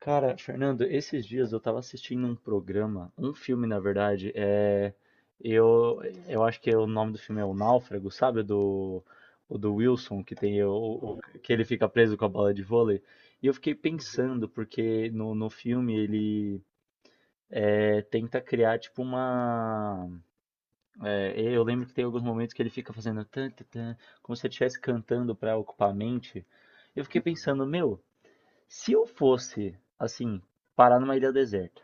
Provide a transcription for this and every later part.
Cara, Fernando, esses dias eu tava assistindo um programa, um filme na verdade, eu, eu acho que é o nome do filme é O Náufrago, sabe? O do Wilson, que tem que ele fica preso com a bola de vôlei. E eu fiquei pensando, porque no filme ele tenta criar tipo uma. Eu lembro que tem alguns momentos que ele fica fazendo tan, tan, tan, como se ele estivesse cantando pra ocupar a mente. Eu fiquei pensando, meu. Se eu fosse, assim, parar numa ilha deserta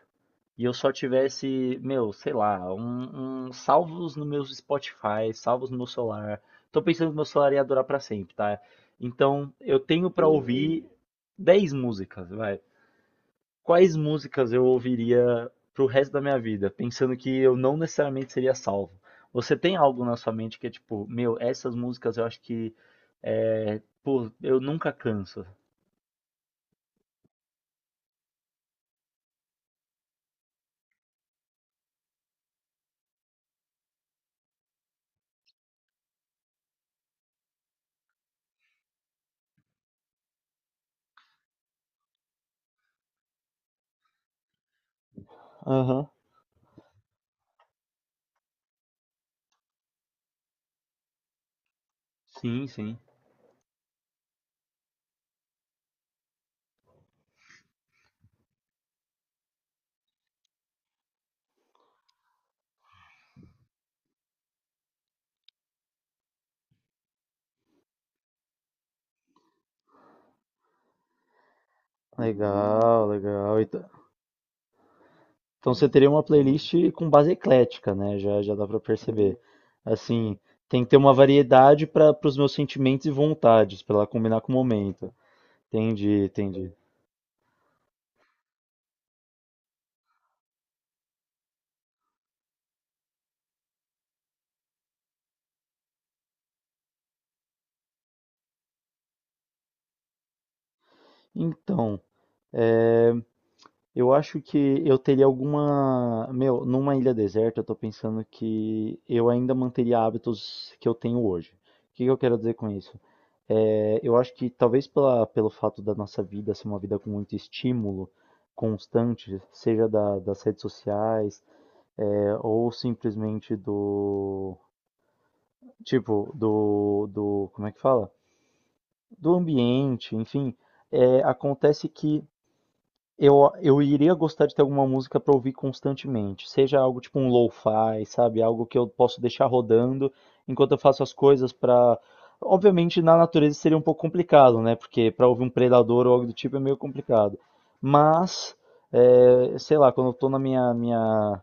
e eu só tivesse, meu, sei lá, salvos no meu Spotify, salvos no meu celular. Tô pensando que meu celular ia durar pra sempre, tá? Então, eu tenho pra ouvir 10 músicas, vai. Quais músicas eu ouviria pro resto da minha vida, pensando que eu não necessariamente seria salvo? Você tem algo na sua mente que é tipo, meu, essas músicas eu acho que, pô, eu nunca canso. Aham. Sim, sim. Legal. Então então você teria uma playlist com base eclética, né? Já, já dá pra perceber. Assim, tem que ter uma variedade para os meus sentimentos e vontades, para ela combinar com o momento. Entendi, entendi. Então, é, Eu acho que eu teria alguma. Meu, numa ilha deserta, eu tô pensando que eu ainda manteria hábitos que eu tenho hoje. O que que eu quero dizer com isso? Eu acho que talvez pelo fato da nossa vida ser uma vida com muito estímulo constante, seja das redes sociais, ou simplesmente do. Tipo, do. Como é que fala? Do ambiente, enfim. Acontece que eu iria gostar de ter alguma música para ouvir constantemente, seja algo tipo um lo-fi, sabe, algo que eu posso deixar rodando enquanto eu faço as coisas. Para obviamente na natureza seria um pouco complicado, né, porque para ouvir um predador ou algo do tipo é meio complicado, mas, sei lá, quando eu tô na minha minha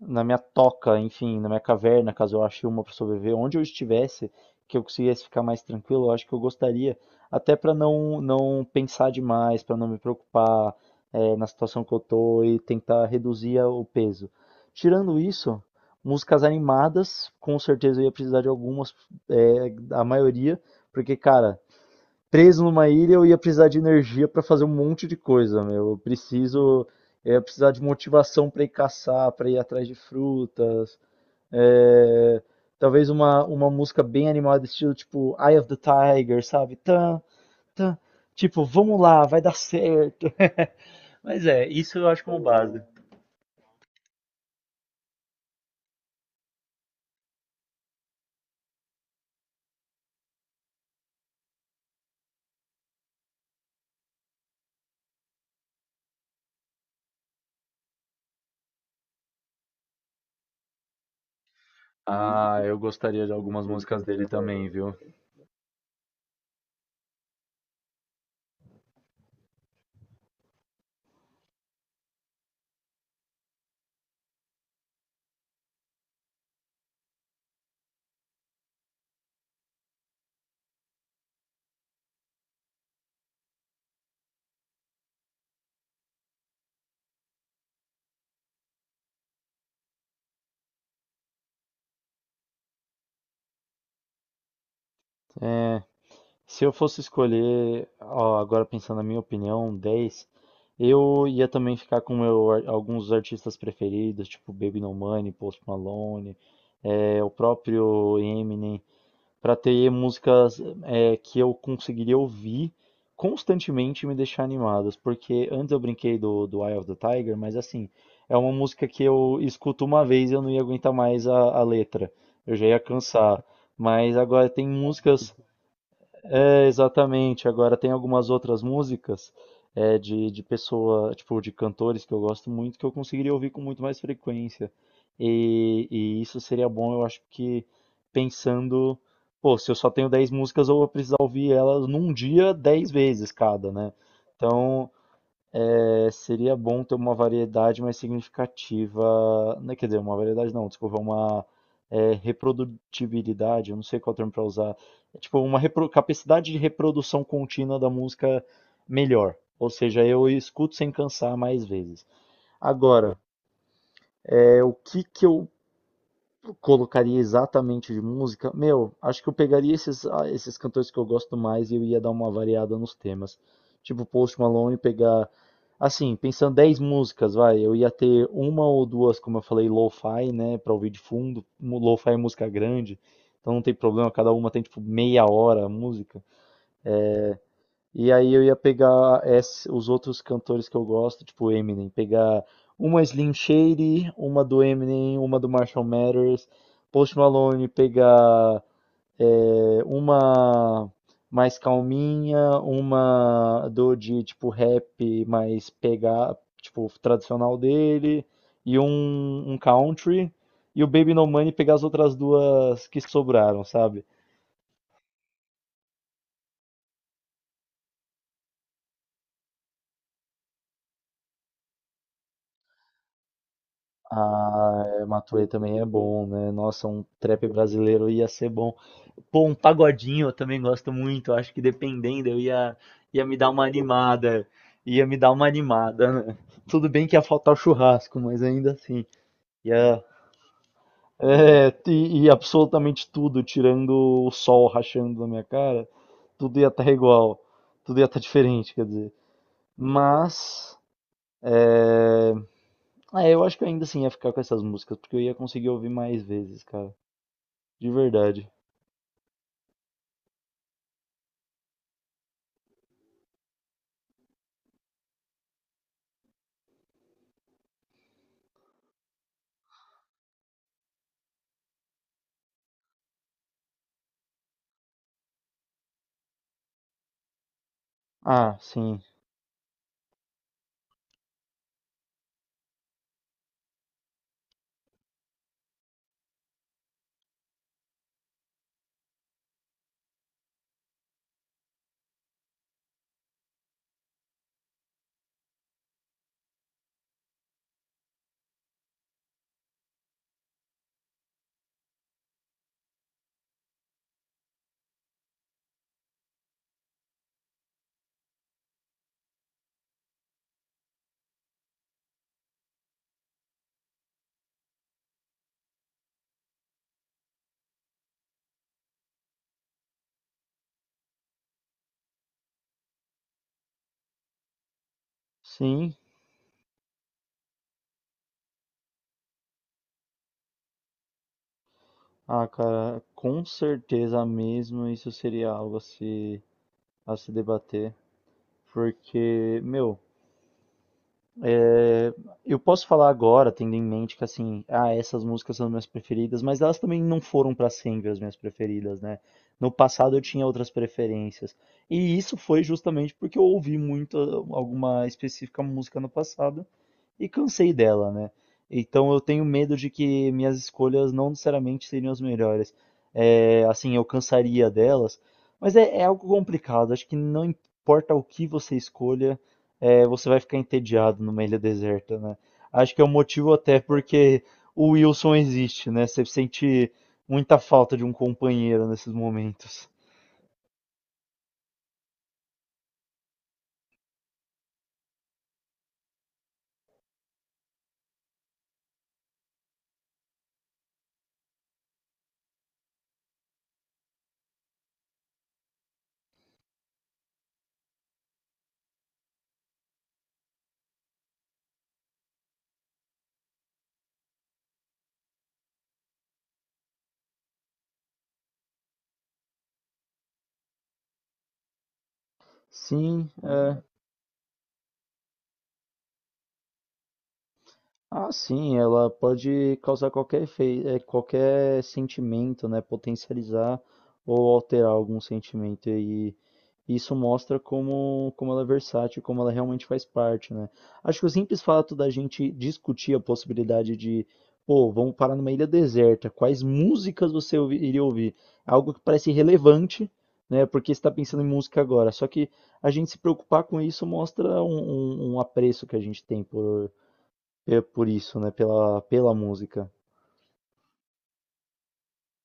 na minha toca, enfim, na minha caverna, caso eu ache uma para sobreviver, onde eu estivesse, que eu conseguisse ficar mais tranquilo, eu acho que eu gostaria, até para não não pensar demais, para não me preocupar na situação que eu tô e tentar reduzir o peso. Tirando isso, músicas animadas, com certeza eu ia precisar de algumas, a maioria, porque, cara, preso numa ilha, eu ia precisar de energia para fazer um monte de coisa, meu. Eu ia precisar de motivação para ir caçar, para ir atrás de frutas. é, Talvez uma música bem animada, estilo tipo Eye of the Tiger, sabe? Tan, tan. Tipo, vamos lá, vai dar certo. Mas isso eu acho como base. Ah, eu gostaria de algumas músicas dele também, viu? Se eu fosse escolher, ó, agora pensando na minha opinião, 10 eu ia também ficar com meu, alguns artistas preferidos, tipo Baby No Money, Post Malone, o próprio Eminem, pra ter músicas que eu conseguiria ouvir constantemente e me deixar animadas. Porque antes eu brinquei do Eye of the Tiger, mas assim, é uma música que eu escuto uma vez e eu não ia aguentar mais a letra, eu já ia cansar. Mas agora tem músicas. É, exatamente. Agora tem algumas outras músicas de pessoa, tipo, de cantores que eu gosto muito, que eu conseguiria ouvir com muito mais frequência. E isso seria bom, eu acho que pensando, pô, se eu só tenho 10 músicas, eu vou precisar ouvir elas num dia 10 vezes cada, né? Então, seria bom ter uma variedade mais significativa, não quer dizer, uma variedade não, desculpa, uma reprodutibilidade, eu não sei qual termo para usar, tipo uma capacidade de reprodução contínua da música melhor, ou seja, eu escuto sem cansar mais vezes. Agora, o que que eu colocaria exatamente de música, meu, acho que eu pegaria esses cantores que eu gosto mais e eu ia dar uma variada nos temas. Tipo Post Malone, pegar, assim, pensando 10 músicas, vai, eu ia ter uma ou duas, como eu falei, lo-fi, né, pra ouvir de fundo. Lo-fi é música grande, então não tem problema, cada uma tem tipo meia hora a música. E aí eu ia pegar os outros cantores que eu gosto, tipo Eminem, pegar uma Slim Shady, uma do Eminem, uma do Marshall Mathers, Post Malone, pegar uma mais calminha, uma do de tipo rap mais pegar, tipo tradicional dele, e um country, e o Baby No Money pegar as outras duas que sobraram, sabe? Ah, Matuê também é bom, né? Nossa, um trap brasileiro ia ser bom. Pô, um pagodinho eu também gosto muito. Acho que dependendo, eu ia me dar uma animada. Ia me dar uma animada, né? Tudo bem que ia faltar o churrasco, mas ainda assim. Ia, e absolutamente tudo, tirando o sol rachando na minha cara, tudo ia estar igual. Tudo ia estar diferente, quer dizer. Mas. É... Ah, eu acho que eu ainda assim ia ficar com essas músicas, porque eu ia conseguir ouvir mais vezes, cara. De verdade. Ah, sim. Sim. Ah, cara, com certeza mesmo isso seria algo a se debater. Porque, meu, é, eu posso falar agora, tendo em mente que, assim, ah, essas músicas são minhas preferidas, mas elas também não foram para sempre as minhas preferidas, né? No passado eu tinha outras preferências. E isso foi justamente porque eu ouvi muito alguma específica música no passado e cansei dela, né? Então eu tenho medo de que minhas escolhas não necessariamente seriam as melhores. É, assim, eu cansaria delas, mas é algo complicado. Acho que não importa o que você escolha, você vai ficar entediado numa ilha deserta, né? Acho que é o motivo até porque o Wilson existe, né? Você sente muita falta de um companheiro nesses momentos. Sim. Ah, sim, ela pode causar qualquer efeito, qualquer sentimento, né? Potencializar ou alterar algum sentimento. E isso mostra como ela é versátil, como ela realmente faz parte, né? Acho que o simples fato da gente discutir a possibilidade de, pô, vamos parar numa ilha deserta, quais músicas você iria ouvir? Algo que parece relevante, né? Porque você está pensando em música agora. Só que a gente se preocupar com isso mostra um apreço que a gente tem por isso, né, pela música.